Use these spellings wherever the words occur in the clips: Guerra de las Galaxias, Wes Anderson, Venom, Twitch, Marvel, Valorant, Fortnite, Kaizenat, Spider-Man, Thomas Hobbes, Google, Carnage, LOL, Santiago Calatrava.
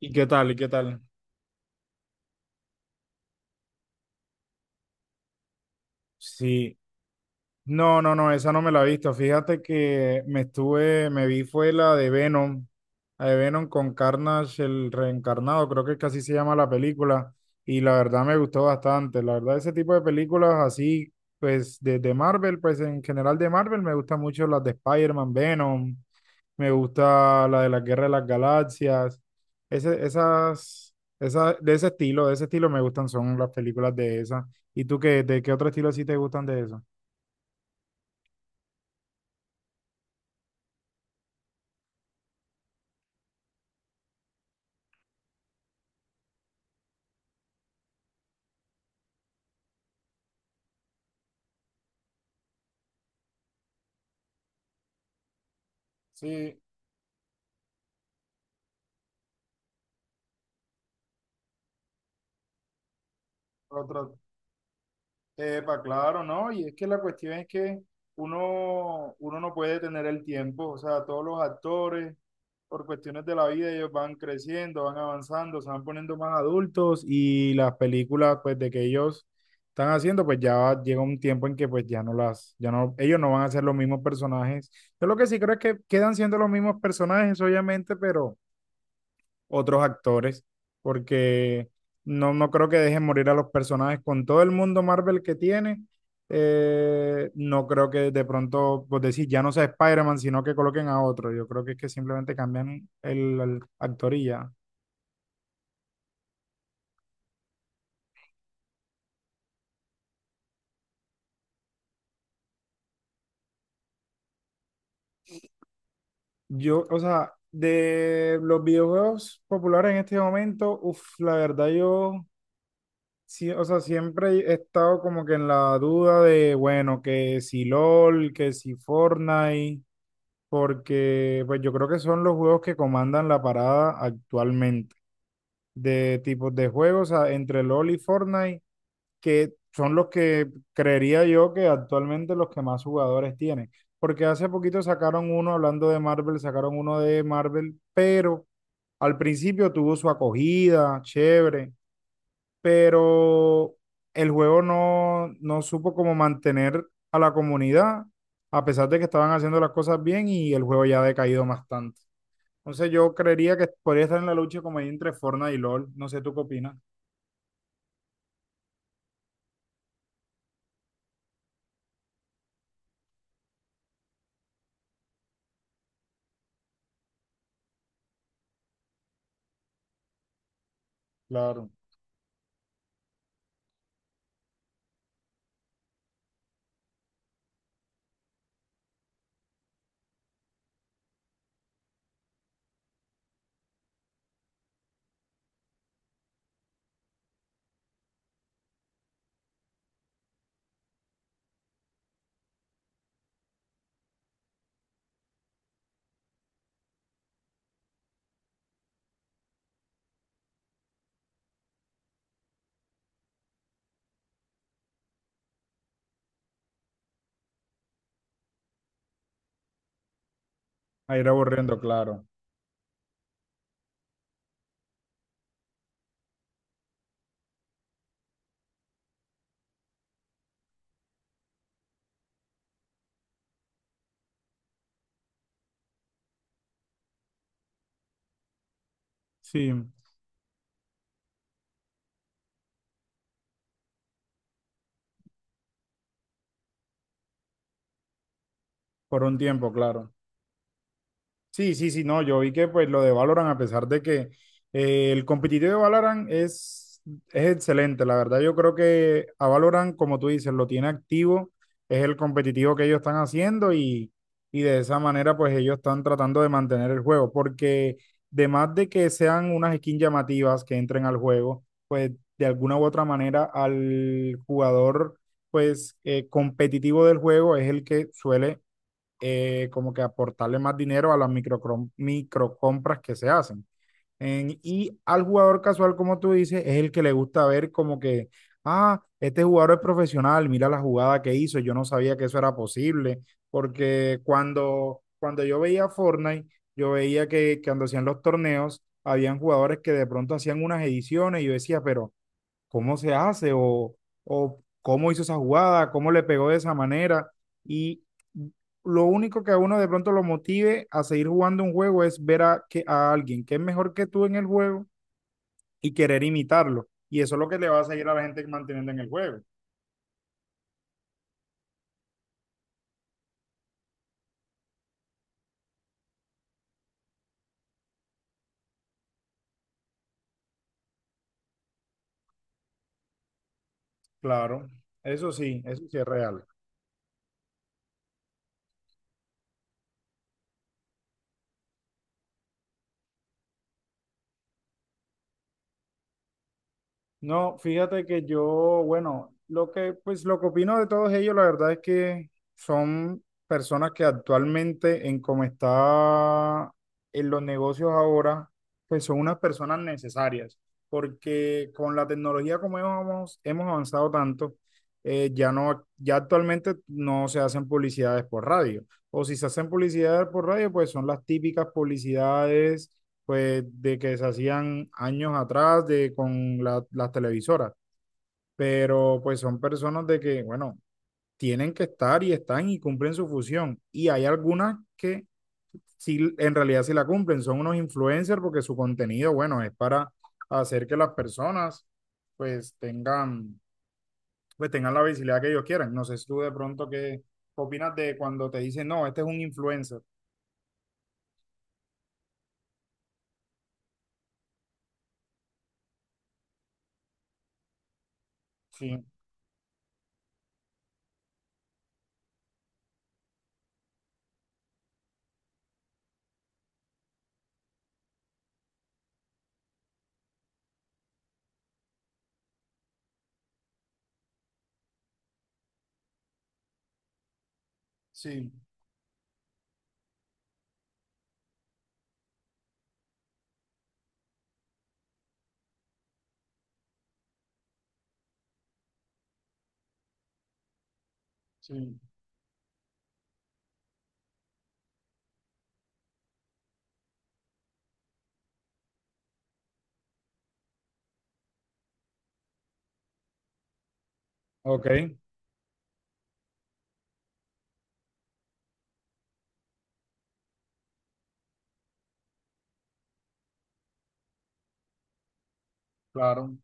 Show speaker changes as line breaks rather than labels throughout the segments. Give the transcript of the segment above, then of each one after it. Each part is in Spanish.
¿Y qué tal? ¿Y qué tal? Sí. No, no, no, esa no me la he visto. Fíjate que me vi fue la de Venom con Carnage, el reencarnado, creo que es que así se llama la película. Y la verdad me gustó bastante. La verdad, ese tipo de películas así, pues de Marvel, pues en general de Marvel me gustan mucho las de Spider-Man, Venom. Me gusta la de la Guerra de las Galaxias. Esa, de ese estilo me gustan, son las películas de esas. ¿Y tú qué, de qué otro estilo sí te gustan de eso? Sí, otra. Epa, claro, ¿no? Y es que la cuestión es que uno no puede tener el tiempo, o sea, todos los actores, por cuestiones de la vida, ellos van creciendo, van avanzando, se van poniendo más adultos y las películas, pues, de que ellos están haciendo, pues llega un tiempo en que, pues, ya no las, ya no, ellos no van a ser los mismos personajes. Yo lo que sí creo es que quedan siendo los mismos personajes, obviamente, pero otros actores, porque no creo que dejen morir a los personajes con todo el mundo Marvel que tiene. No creo que de pronto, pues decir, ya no sea Spider-Man, sino que coloquen a otro. Yo creo que es que simplemente cambian el actor y ya. Yo, o sea, de los videojuegos populares en este momento, uff, la verdad yo, sí, o sea, siempre he estado como que en la duda de, bueno, que si LOL, que si Fortnite, porque pues yo creo que son los juegos que comandan la parada actualmente, de tipos de juegos entre LoL y Fortnite, que son los que creería yo que actualmente los que más jugadores tienen, porque hace poquito sacaron uno hablando de Marvel, sacaron uno de Marvel, pero al principio tuvo su acogida, chévere, pero el juego no supo cómo mantener a la comunidad, a pesar de que estaban haciendo las cosas bien y el juego ya ha decaído bastante. Entonces yo creería que podría estar en la lucha como ahí entre Fortnite y LOL. No sé, ¿tú qué opinas? Claro. A ir aburriendo, claro. Sí, por un tiempo, claro. Sí, sí, sí, no, yo vi que pues lo de Valorant, a pesar de que el competitivo de Valorant es excelente, la verdad yo creo que a Valorant, como tú dices, lo tiene activo, es el competitivo que ellos están haciendo y de esa manera pues ellos están tratando de mantener el juego, porque además de que sean unas skins llamativas que entren al juego, pues de alguna u otra manera al jugador pues competitivo del juego es el que suele como que aportarle más dinero a las microcompras que se hacen. Y al jugador casual, como tú dices, es el que le gusta ver como que, ah, este jugador es profesional, mira la jugada que hizo, yo no sabía que eso era posible, porque cuando yo veía Fortnite, yo veía que cuando hacían los torneos, habían jugadores que de pronto hacían unas ediciones y yo decía, pero cómo se hace o cómo hizo esa jugada, cómo le pegó de esa manera. Y lo único que a uno de pronto lo motive a seguir jugando un juego es ver a alguien que es mejor que tú en el juego y querer imitarlo. Y eso es lo que le va a seguir a la gente manteniendo en el juego. Claro, eso sí es real. No, fíjate que yo, bueno, lo que, pues lo que opino de todos ellos, la verdad es que son personas que actualmente en cómo está en los negocios ahora, pues son unas personas necesarias, porque con la tecnología como hemos avanzado tanto, ya no, ya actualmente no se hacen publicidades por radio, o si se hacen publicidades por radio, pues son las típicas publicidades pues de que se hacían años atrás de, con las televisoras, pero pues son personas de que, bueno, tienen que estar y están y cumplen su función. Y hay algunas que sí, en realidad sí la cumplen, son unos influencers porque su contenido, bueno, es para hacer que las personas pues tengan la visibilidad que ellos quieran. No sé si tú de pronto qué opinas de cuando te dicen, no, este es un influencer. Sí, sí, sí. Ok, claro.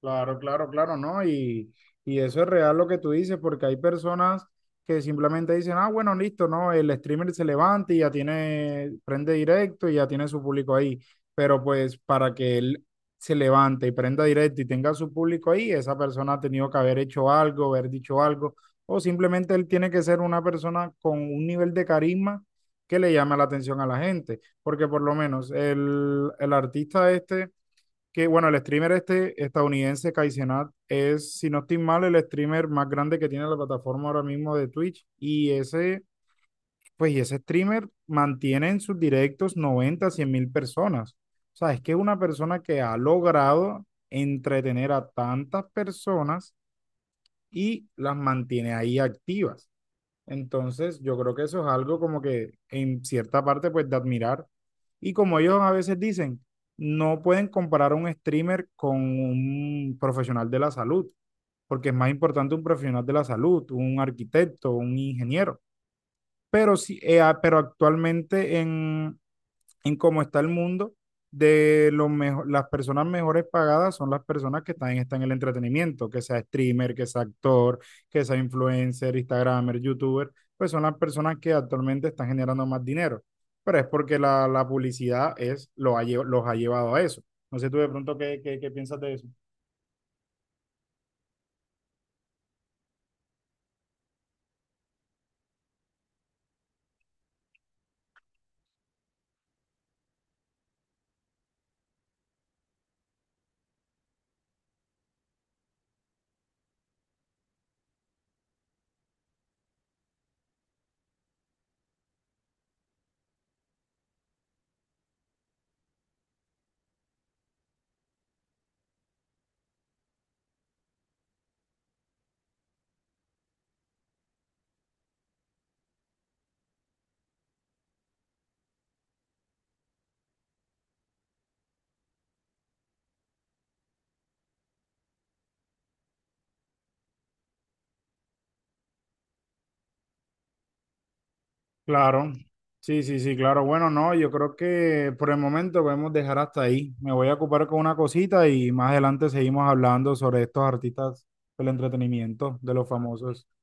Claro, claro, claro, ¿no? Y eso es real lo que tú dices, porque hay personas que simplemente dicen, ah, bueno, listo, ¿no? El streamer se levanta y ya tiene, prende directo y ya tiene su público ahí. Pero pues para que él se levante y prenda directo y tenga su público ahí, esa persona ha tenido que haber hecho algo, haber dicho algo, o simplemente él tiene que ser una persona con un nivel de carisma que le llame la atención a la gente, porque por lo menos el artista este que, bueno, el streamer este estadounidense, Kaizenat, es, si no estoy mal, el streamer más grande que tiene la plataforma ahora mismo de Twitch. Y ese streamer mantiene en sus directos 90.000-100.000 personas. O sea, es que es una persona que ha logrado entretener a tantas personas y las mantiene ahí activas. Entonces, yo creo que eso es algo como que en cierta parte, pues, de admirar. Y como ellos a veces dicen, no pueden comparar un streamer con un profesional de la salud, porque es más importante un profesional de la salud, un arquitecto, un ingeniero. Pero sí, pero actualmente en cómo está el mundo, de los las personas mejores pagadas son las personas que están en el entretenimiento, que sea streamer, que sea actor, que sea influencer, instagramer, youtuber, pues son las personas que actualmente están generando más dinero. Pero es porque la publicidad es, lo ha lle- los ha llevado a eso. No sé tú de pronto qué piensas de eso. Claro, sí, sí, sí, claro. Bueno, no, yo creo que por el momento podemos dejar hasta ahí. Me voy a ocupar con una cosita y más adelante seguimos hablando sobre estos artistas del entretenimiento, de los famosos. Vale.